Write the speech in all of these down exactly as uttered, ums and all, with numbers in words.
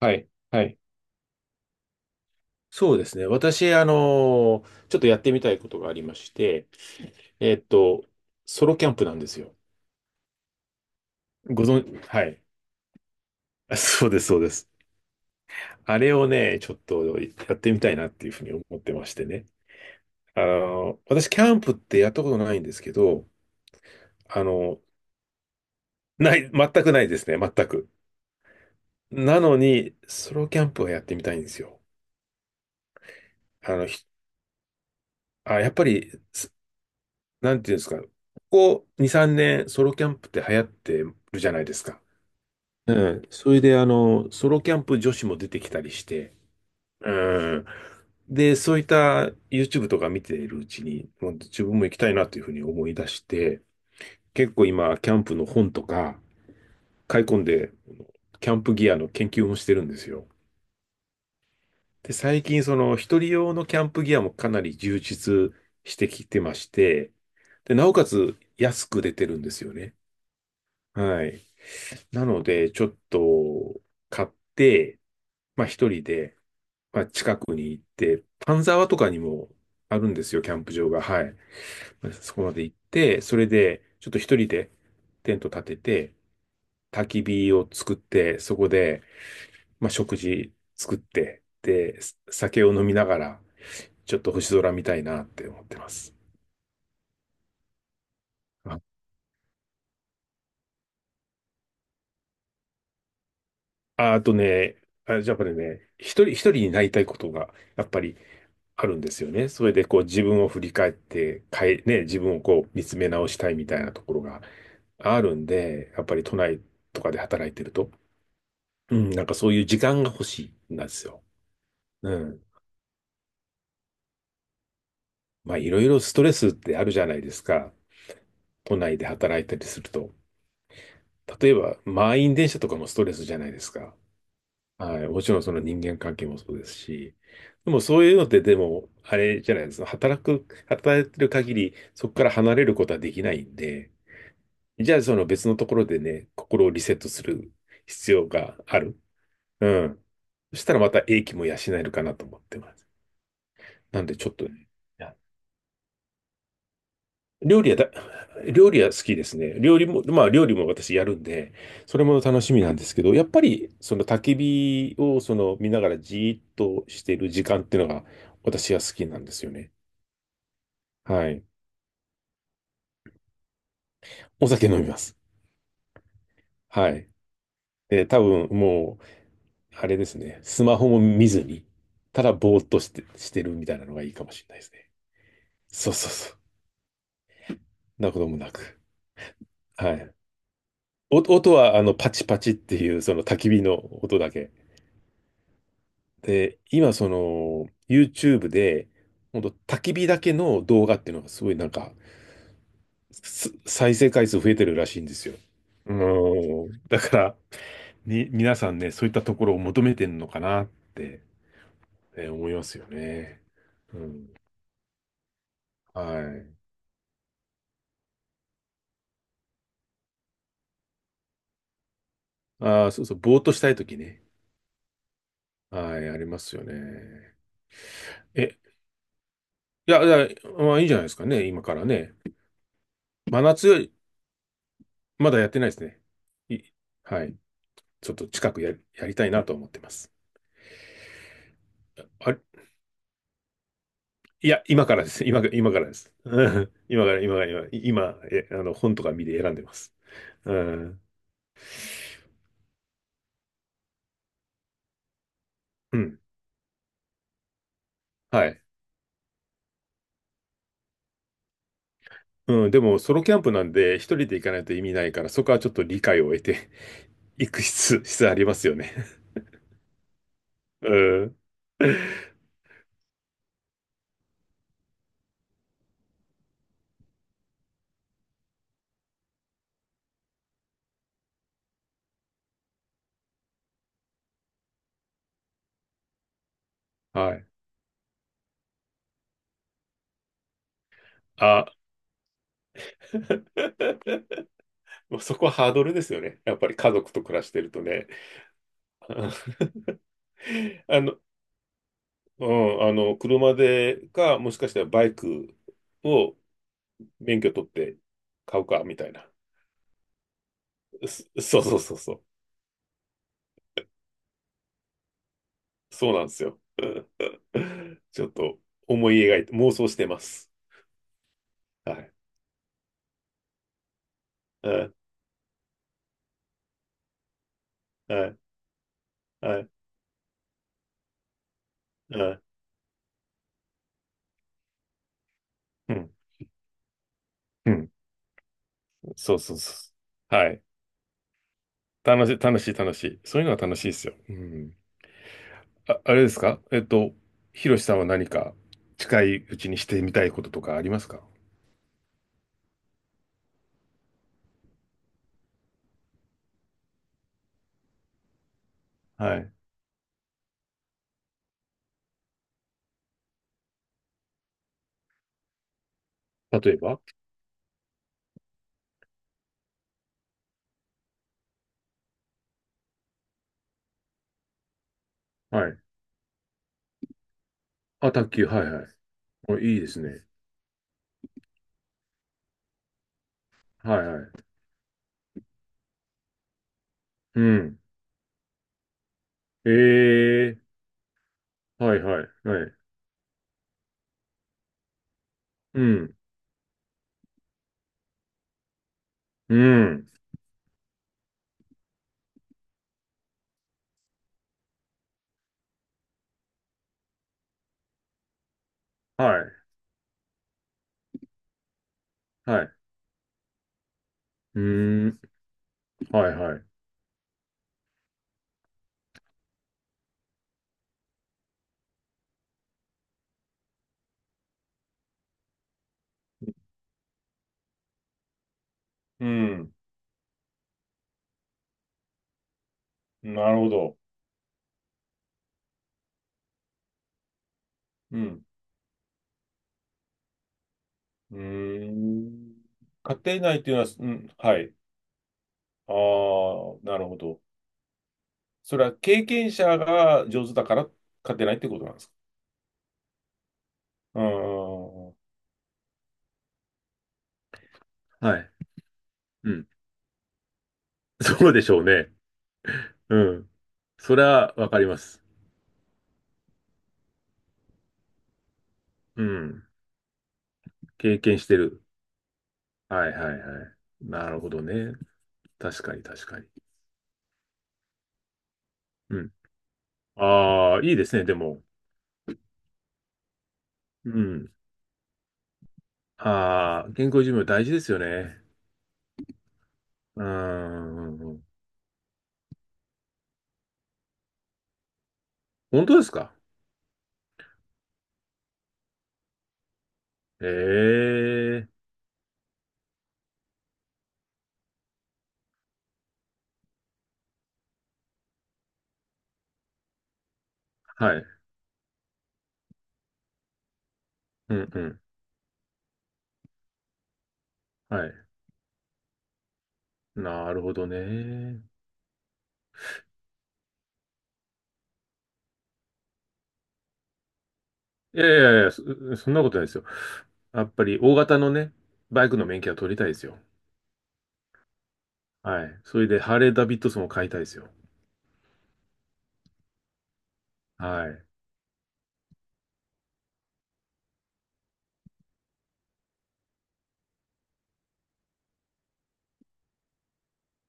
はい。はい。そうですね。私、あのーちょっとやってみたいことがありまして、えっと、ソロキャンプなんですよ。ご存、はい。あ、そうです、そうです。あれをね、ちょっとやってみたいなっていうふうに思ってましてね。あのー私、キャンプってやったことないんですけど、あのない、全くないですね、全く。なのに、ソロキャンプはやってみたいんですよ。あの、ひあ、やっぱり、すなんていうんですか、ここに、さんねん、ソロキャンプって流行ってるじゃないですか。うん。それで、あの、ソロキャンプ女子も出てきたりして、うん。で、そういった YouTube とか見ているうちに、もう自分も行きたいなというふうに思い出して、結構今、キャンプの本とか買い込んで、キャンプギアの研究もしてるんですよ。で、最近、その、一人用のキャンプギアもかなり充実してきてまして、で、なおかつ安く出てるんですよね。はい。なので、ちょっと買って、まあ一人で、まあ、近くに行って、丹沢とかにもあるんですよ、キャンプ場が。はい。まあそこまで行って、それで、ちょっと一人でテント立てて、焚き火を作って、そこで、まあ、食事作って、で、酒を飲みながら、ちょっと星空見たいなって思ってます。あ、ああ、とね、あ、じゃあやっぱりね、一人、一人になりたいことが、やっぱりあるんですよね。それでこう自分を振り返って、かえ、ね、自分をこう見つめ直したいみたいなところがあるんで、やっぱり都内とかで働いてると、うん、なんかそういう時間が欲しいんですよ。うん。まあいろいろストレスってあるじゃないですか。都内で働いたりすると。例えば満員電車とかもストレスじゃないですか。はい。もちろんその人間関係もそうですし。でもそういうのってでも、あれじゃないですか。働く、働いてる限り、そこから離れることはできないんで、じゃあ、その別のところでね、心をリセットする必要がある。うん。そしたらまた英気も養えるかなと思ってます。なんでちょっとね、いや、料理はだ、料理は好きですね。料理も、まあ料理も私やるんで、それも楽しみなんですけど、やっぱりその焚き火をその見ながらじーっとしている時間っていうのが私は好きなんですよね。はい。お酒飲みます。はい。で、多分もあれですね。スマホも見ずに、ただぼーっとして、してるみたいなのがいいかもしれないですね。そうそうそう。なこともなく。はい。お音は、あの、パチパチっていう、その焚き火の音だけ。で、今、その、YouTube で、ほんと焚き火だけの動画っていうのがすごいなんか、す再生回数増えてるらしいんですよ。うーん。だから、み、皆さんね、そういったところを求めてんのかなって、えー思いますよね。うん。はい。ああ、そうそう、ぼーっとしたいときね。はい、ありますよね。え、いや、いや、まあいいんじゃないですかね、今からね。真夏より、まだやってないですね。い、はい。ちょっと近くや、やりたいなと思ってます。あれ、いや、今からです。今、今からです。うん、今から、今から、今、今、え、あの、本とか見で選んでます。うん。うん。はい。うん。でも、ソロキャンプなんで、一人で行かないと意味ないから、そこはちょっと理解を得て、行く必、必要ありますよね。うん。はい。あ、もうそこはハードルですよね。やっぱり家族と暮らしてるとね。あの、うん、あの、車でか、もしかしたらバイクを免許取って買うか、みたいな。す そうそうそうそう。そうなんですよ。うん、ちょっと思い描いて、妄想してます。はい。はい。はい。はい。はい、うん。うん。そうそうそう。はい。楽しい、楽しい、楽しい。そういうのは楽しいですよ。うん。あ、あれですか、えっと、ひろしさんは何か近いうちにしてみたいこととかありますか？はい。例えば。はい。あ、卓球、はいはい。お、いいですね。はいはい。うん。ええ、はいはい。はい。うん。うん。はい。はい。うーん。はいはい。うん。なるほど。うん。うーん。家庭内っていうのは、うん。はい。ああ、なるほど。それは経験者が上手だから家庭内ってことなんですか？うんうんうん、はい。うん。そうでしょうね。うん。それはわかります。うん。経験してる。はいはいはい。なるほどね。確かに確かに。うん。ああ、いいですね、でも。うん。ああ、健康寿命大事ですよね。うん。本当ですか？ええ、はい。うんうん。はい。なるほどね。いやいやいや、そ、そんなことないですよ。やっぱり大型のね、バイクの免許は取りたいですよ。はい。それで、ハーレー・ダビッドソンを買いたいですよ。はい。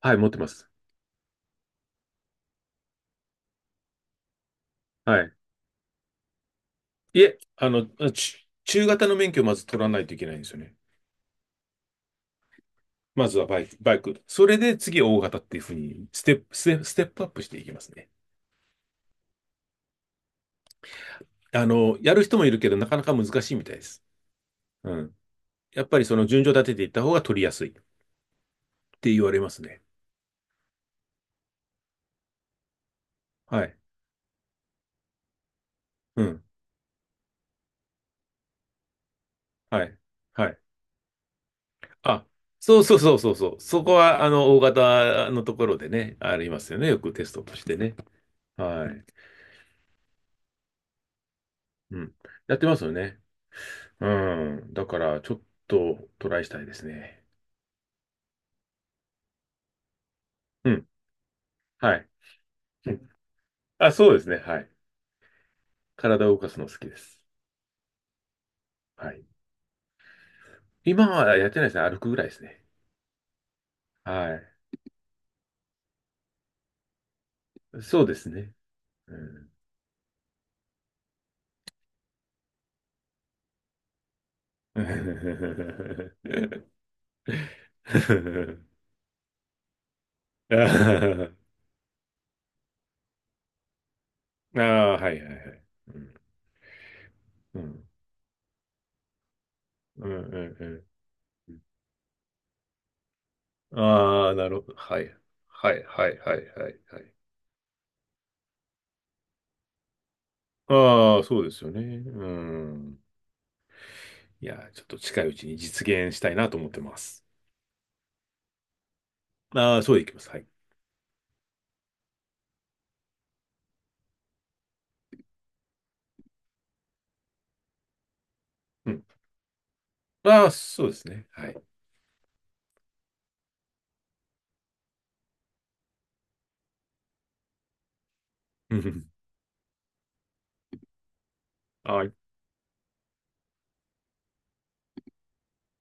はい、持ってます。はい。いえ、あの、ち中型の免許をまず取らないといけないんですよね。まずはバイク、バイク。それで次大型っていうふうに、ステップ、ステステップアップしていきますね。あの、やる人もいるけど、なかなか難しいみたいです。うん。やっぱりその順序立てていった方が取りやすいって言われますね。はい。うん。はい。はい。あ、そうそうそうそうそう。そこは、あの、大型のところでね、ありますよね。よくテストとしてね。はい。うん。やってますよね。うん。だから、ちょっとトライしたいですね。うん。はい。うん、あ、そうですね。はい。体を動かすの好きです。はい。今はやってないですね。歩くぐらいですね。はい。そうですね。うん。ああ、はいはいはい。うん。うん。うん。うん。ああー、なるほど。はい。はいはいはいはいはい。ああ、そうですよね。うん。いやー、ちょっと近いうちに実現したいなと思ってます。ああ、そうでいきます。はい。うん。ああ、そうですね。はい。うんうん、ああ、